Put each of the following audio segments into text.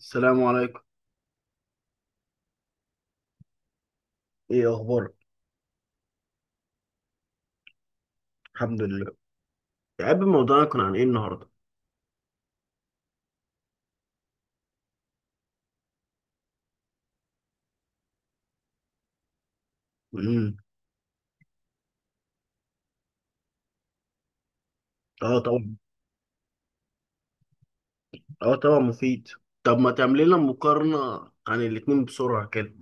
السلام عليكم. ايه اخبارك؟ الحمد لله. يا عم، موضوعنا كان عن ايه النهارده؟ امم. اه، طبعا. اه، طبعا مفيد. طب ما تعمل لنا مقارنه عن الاتنين بسرعه كده؟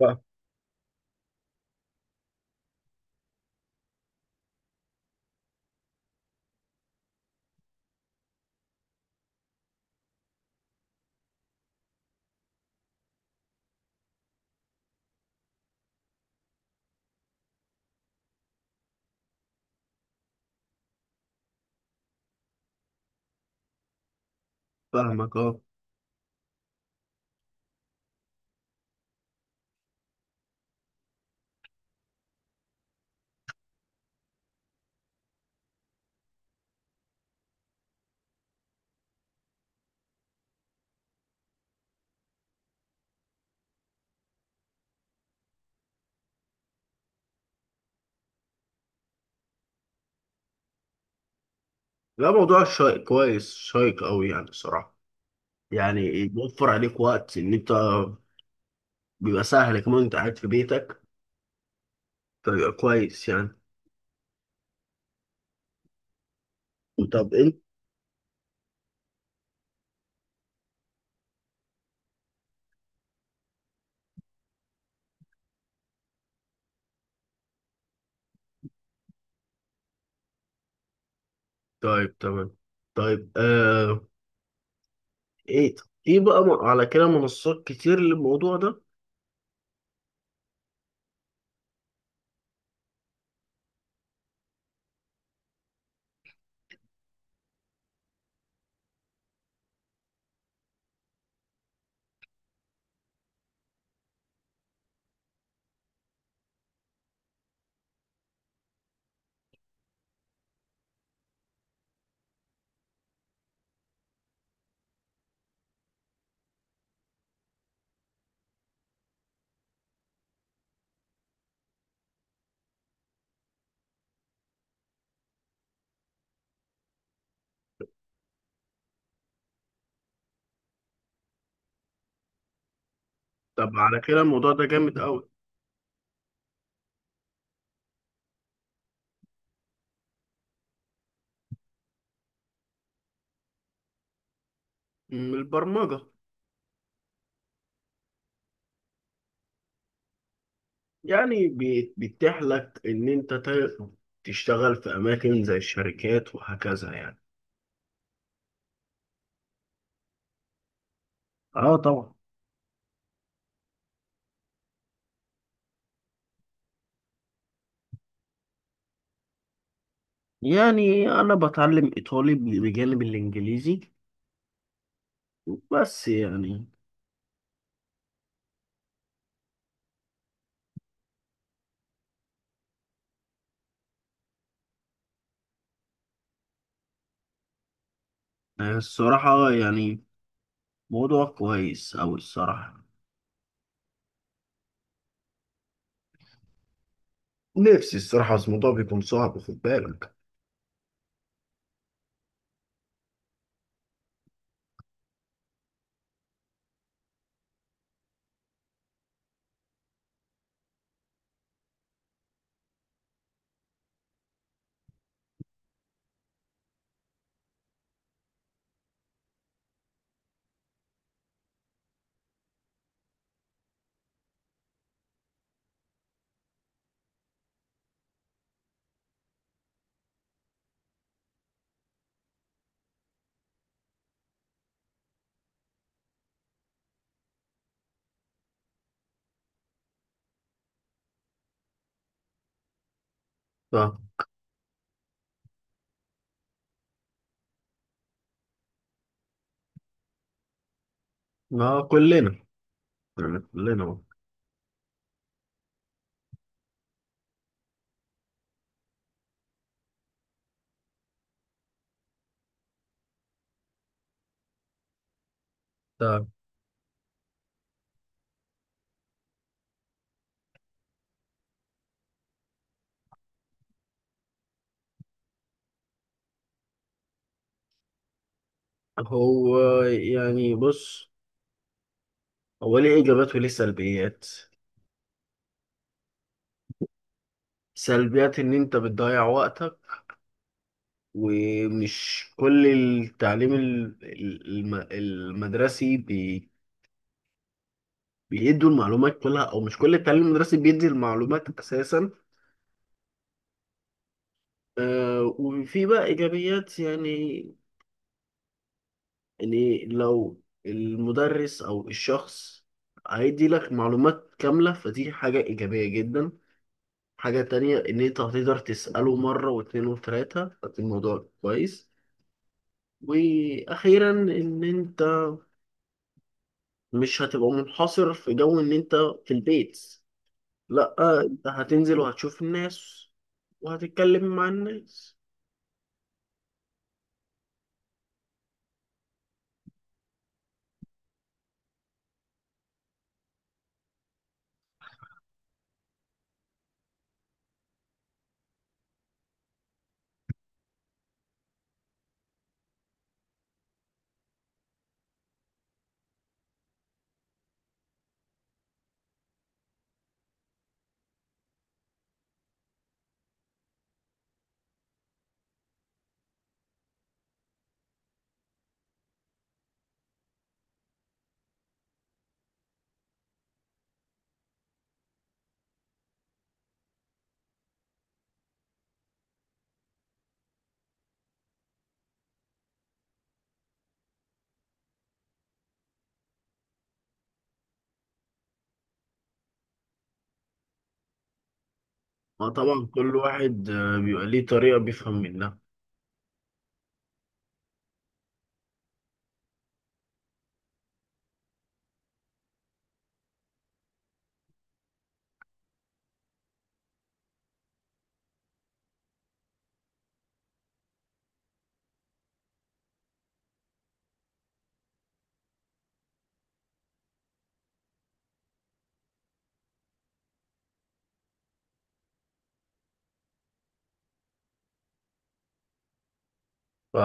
فاهم- فاهمك، اه. لا، موضوع شيق، كويس شيق قوي يعني الصراحه. يعني بيوفر عليك وقت ان انت. بيبقى سهل كمان، انت قاعد في بيتك. فبيبقى كويس يعني. طب انت. طيب، تمام. طيب، ايه. في بقى على كده منصات كتير للموضوع ده. طب على كده الموضوع ده جامد قوي. من البرمجة. يعني بيتيح لك إن أنت تشتغل في أماكن زي الشركات وهكذا يعني. آه، طبعا. يعني أنا بتعلم إيطالي بجانب الإنجليزي، بس يعني. آه، الصراحة يعني. موضوع كويس أوي الصراحة. نفسي الصراحة، بس الموضوع بيكون صعب، خد بالك. طب ما كلنا، يعني كلنا. طب هو يعني بص، هو ليه إيجابات وليه سلبيات. سلبيات ان انت بتضيع وقتك. ومش كل التعليم المدرسي بيدوا المعلومات كلها، او مش كل التعليم المدرسي بيدي المعلومات اساسا. آه، وفي بقى ايجابيات يعني. يعني لو المدرس او الشخص هيدي لك معلومات كاملة فدي حاجة ايجابية جدا. حاجة تانية ان انت هتقدر تسأله مرة واتنين وتلاتة فدي الموضوع كويس. واخيرا ان انت مش هتبقى منحصر في جو ان انت في البيت، لا. انت هتنزل وهتشوف الناس وهتتكلم مع الناس. ما طبعا كل واحد بيبقى ليه طريقة بيفهم منها. ف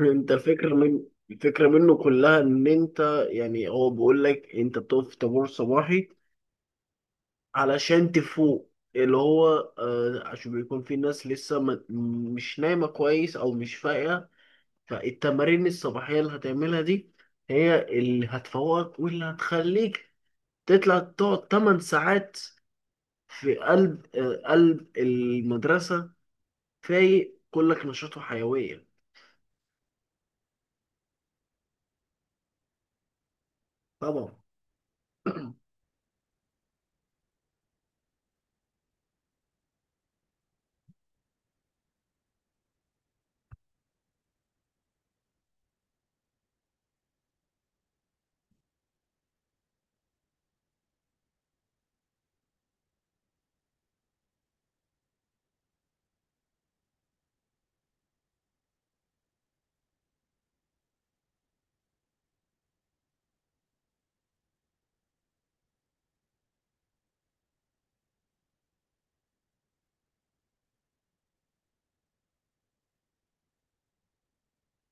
انت، الفكرة منه كلها ان انت يعني هو بيقول لك انت بتقف في طابور صباحي علشان تفوق. اللي هو عشان بيكون في ناس لسه مش نايمة كويس او مش فايقة. فالتمارين الصباحية اللي هتعملها دي هي اللي هتفوقك واللي هتخليك تطلع تقعد 8 ساعات في قلب المدرسة فايق كلك نشاط وحيوية. طبعا.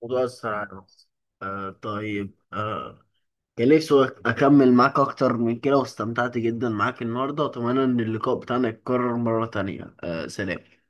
موضوع أثر على نفسي. آه، طيب، كان نفسي أكمل معاك أكتر من كده، واستمتعت جدا معاك النهاردة، وأتمنى إن اللقاء بتاعنا يتكرر مرة تانية. سلام.